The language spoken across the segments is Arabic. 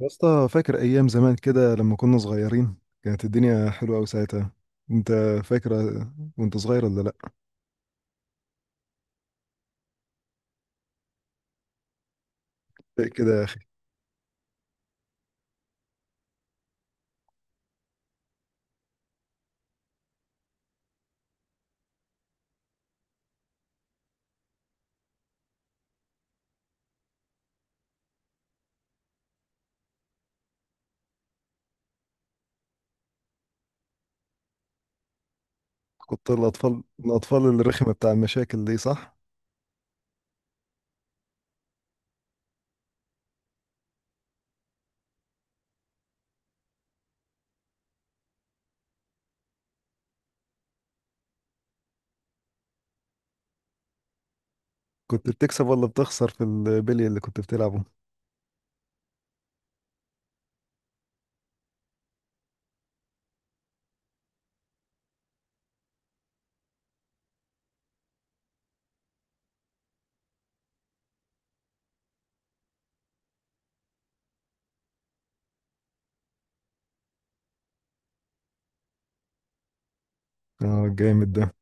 يا اسطى فاكر ايام زمان كده لما كنا صغيرين. كانت الدنيا حلوه قوي ساعتها. انت فاكر وانت صغير ولا لا؟ فاكر كده يا اخي. كنت الاطفال الرخمه بتاع المشاكل دي صح؟ كنت بتكسب ولا بتخسر في البلي اللي كنت بتلعبه؟ اه الجامد ده.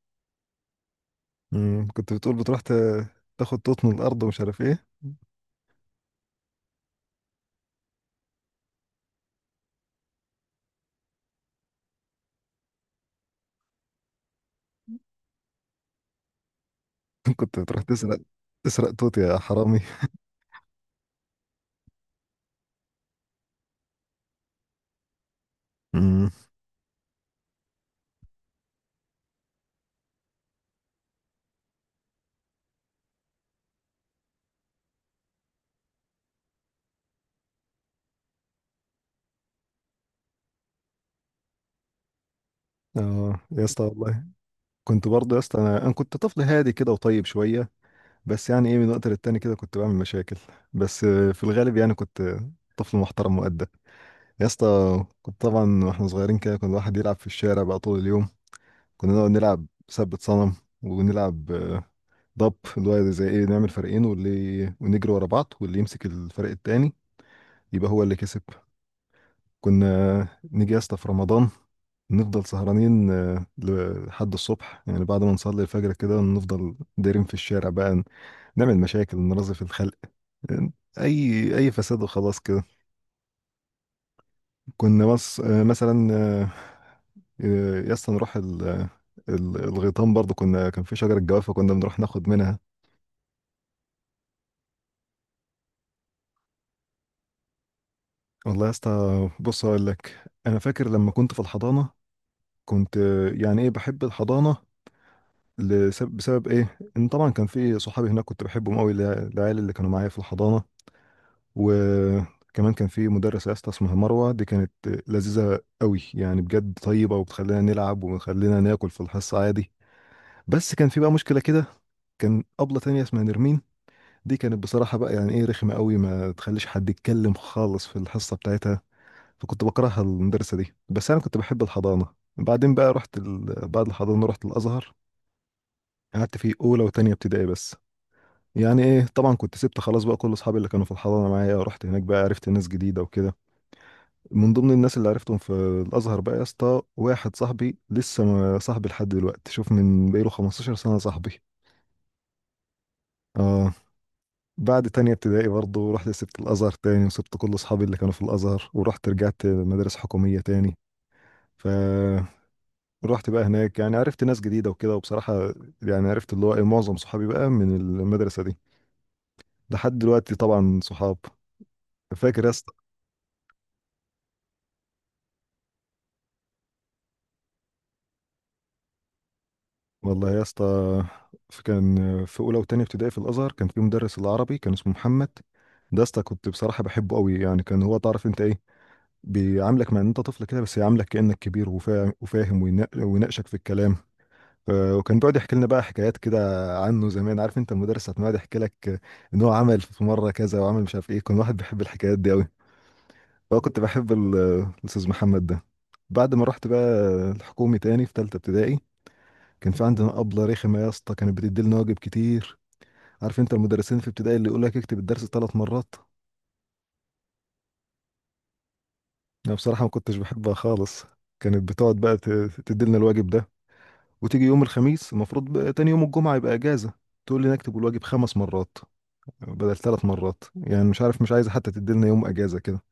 كنت بتقول بتروح تاخد توت من الارض ومش عارف ايه. كنت بتروح تسرق توت يا حرامي. مم. اه يا اسطى والله. كنت برضه يا اسطى انا كنت طفل هادي كده وطيب شويه. بس يعني ايه، من وقت للتاني كده كنت بعمل مشاكل. بس في الغالب يعني كنت طفل محترم مؤدب. يا اسطى كنت طبعا واحنا صغيرين كده، كنا الواحد يلعب في الشارع بقى طول اليوم. كنا نقعد نلعب ثبت صنم، ونلعب ضب، اللي هو زي ايه، نعمل فريقين واللي ونجري ورا بعض واللي يمسك الفريق التاني يبقى هو اللي كسب. كنا نيجي يا اسطى في رمضان نفضل سهرانين لحد الصبح، يعني بعد ما نصلي الفجر كده نفضل دايرين في الشارع بقى. نعمل مشاكل، نرازي في الخلق، اي فساد وخلاص كده. كنا بس مثلا يا اسطى نروح الغيطان برضو. كنا كان في شجره جوافه كنا بنروح ناخد منها. والله يا اسطى، بص اقول لك، انا فاكر لما كنت في الحضانه كنت يعني ايه بحب الحضانه. لسبب، بسبب ايه؟ ان طبعا كان في صحابي هناك كنت بحبهم قوي، العيال اللي كانوا معايا في الحضانه. وكمان كان في مدرسه يا اسطى اسمها مروه، دي كانت لذيذه قوي، يعني بجد طيبه وبتخلينا نلعب وبتخلينا ناكل في الحصه عادي. بس كان في بقى مشكلة كده. كان أبلة تانية اسمها نرمين، دي كانت بصراحة بقى يعني إيه رخمة قوي، ما تخليش حد يتكلم خالص في الحصة بتاعتها. فكنت بكرهها المدرسة دي. بس أنا كنت بحب الحضانة. بعدين بقى رحت بعد الحضانة رحت الأزهر. قعدت فيه أولى وتانية ابتدائي بس. يعني إيه طبعا كنت سبت خلاص بقى كل أصحابي اللي كانوا في الحضانة معايا، ورحت هناك بقى عرفت ناس جديدة وكده. من ضمن الناس اللي عرفتهم في الأزهر بقى يا اسطى واحد صاحبي لسه صاحبي لحد دلوقتي، شوف، من بقاله 15 سنة صاحبي. اه. بعد تانية ابتدائي برضه رحت، سبت الأزهر تاني وسبت كل أصحابي اللي كانوا في الأزهر، ورحت رجعت مدارس حكومية تاني. فرحت بقى هناك، يعني عرفت ناس جديدة وكده. وبصراحة يعني عرفت اللي هو إيه، معظم صحابي بقى من المدرسة دي لحد دلوقتي طبعا، صحاب. فاكر يا اسطى؟ والله يا اسطى، كان في أولى وتانية ابتدائي في الأزهر كان في مدرس العربي كان اسمه محمد. ده يا اسطى كنت بصراحة بحبه قوي، يعني كان هو تعرف انت ايه، بيعاملك مع ان انت طفل كده بس يعاملك كأنك كبير وفاهم ويناقشك في الكلام. وكان بيقعد يحكي لنا بقى حكايات كده عنه زمان، عارف انت المدرس ساعة ما يقعد يحكي لك ان هو عمل في مره كذا وعمل مش عارف ايه، كان واحد بيحب الحكايات دي قوي. فانا كنت بحب الاستاذ محمد ده. بعد ما رحت بقى الحكومي تاني في تالتة ابتدائي، كان في عندنا أبلة رخمة يا اسطى كانت بتدي لنا واجب كتير. عارف انت المدرسين في ابتدائي اللي يقول لك اكتب الدرس ثلاث مرات؟ انا بصراحة ما كنتش بحبها خالص. كانت بتقعد بقى تدي لنا الواجب ده، وتيجي يوم الخميس المفروض بقى تاني يوم الجمعة يبقى اجازة، تقول لي نكتب الواجب خمس مرات بدل ثلاث مرات، يعني مش عارف مش عايزه حتى تديلنا يوم اجازه كده.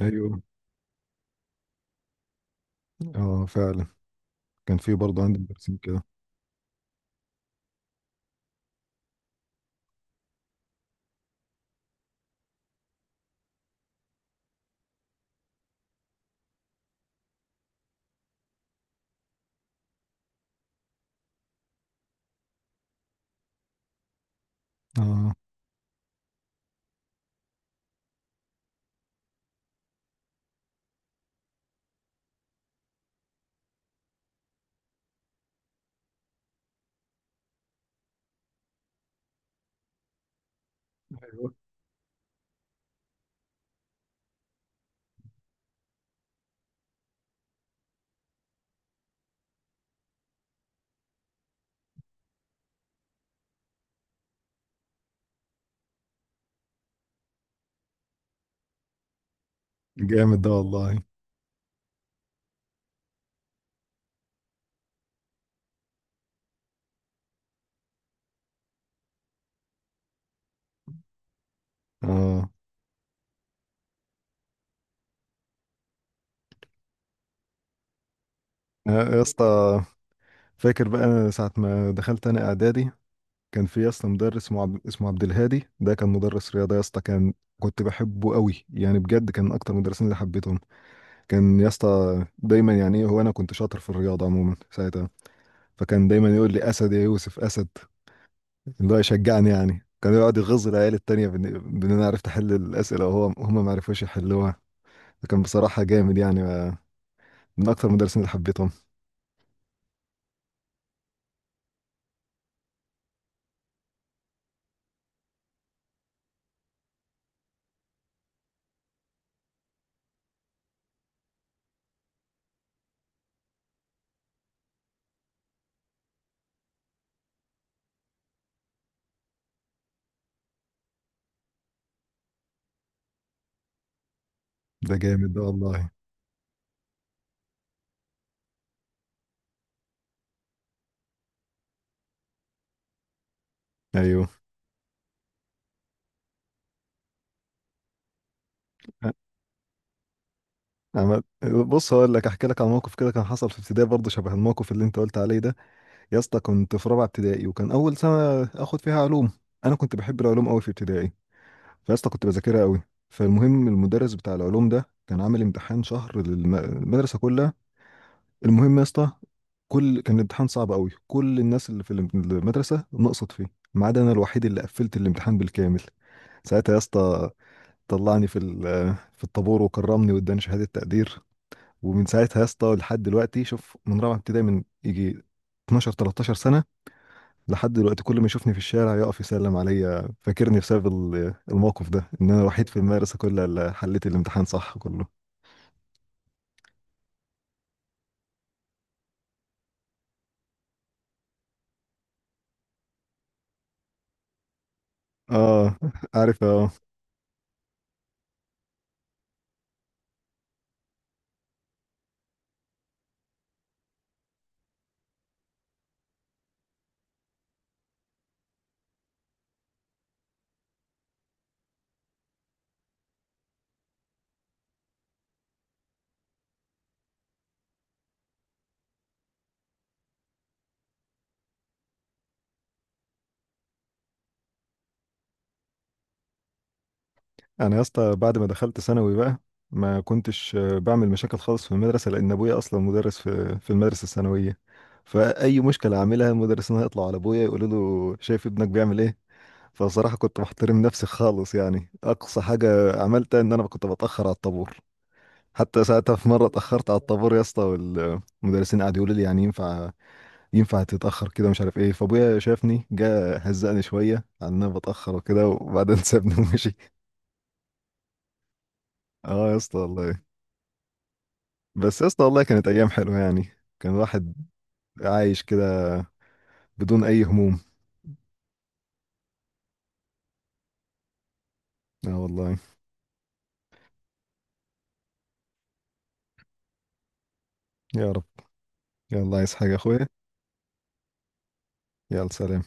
ايوه. اه فعلا، كان في برضه عندي مدرسين كده. اه. ايوه. جامد ده والله. اه. آه، يا اسطى فاكر بقى أنا ساعه ما دخلت انا اعدادي كان في يا اسطى مدرس اسمه عبد، اسمه عبد الهادي، ده كان مدرس رياضه يا اسطى. كان كنت بحبه قوي، يعني بجد كان اكتر مدرسين اللي حبيتهم. كان يا اسطى دايما يعني إيه، هو انا كنت شاطر في الرياضه عموما ساعتها، فكان دايما يقول لي اسد يا يوسف اسد، اللي هو يشجعني يعني. كان يقعد يغز العيال التانية بإن أنا عرفت أحل الأسئلة وهو هم ما عرفوش يحلوها. فكان بصراحة جامد، يعني من أكتر المدرسين اللي حبيتهم. ده جامد ده والله. أيوه. أ- عمل، بص هقول لك، أحكي لك على موقف كده كان حصل في ابتدائي برضه شبه الموقف اللي أنت قلت عليه ده. يا اسطى كنت في رابعة ابتدائي وكان أول سنة آخد فيها علوم. أنا كنت بحب العلوم أوي في ابتدائي، فيا اسطى كنت بذاكرها أوي. فالمهم المدرس بتاع العلوم ده كان عامل امتحان شهر للمدرسة كلها. المهم يا اسطى، كان الامتحان صعب قوي، كل الناس اللي في المدرسه نقصت فيه، ما عدا انا الوحيد اللي قفلت الامتحان بالكامل. ساعتها يا اسطى طلعني في في الطابور وكرمني واداني شهاده تقدير. ومن ساعتها يا اسطى لحد دلوقتي، شوف، من رابعه ابتدائي، من يجي 12 13 سنه، لحد دلوقتي كل ما يشوفني في الشارع يقف يسلم عليا فاكرني بسبب الموقف ده، ان انا الوحيد في المدرسه كلها اللي حليت الامتحان صح كله. اه عارف. آه. انا يا اسطى بعد ما دخلت ثانوي بقى ما كنتش بعمل مشاكل خالص في المدرسه لان ابويا اصلا مدرس في المدرسه الثانويه. فاي مشكله اعملها المدرسين هيطلعوا على ابويا يقولوا له شايف ابنك بيعمل ايه. فصراحه كنت محترم نفسي خالص، يعني اقصى حاجه عملتها ان انا كنت بتاخر على الطابور. حتى ساعتها في مره اتاخرت على الطابور يا اسطى والمدرسين قعدوا يقولوا لي يعني ينفع تتاخر كده مش عارف ايه، فابويا شافني جه هزقني شويه على ان انا بتاخر وكده وبعدين سابني ومشي. اه يا اسطى والله. بس يا اسطى والله كانت ايام حلوه يعني. كان الواحد عايش كده بدون اي هموم. اه والله. يا رب. يلا عايز حاجه يا اخويا؟ يلا سلام.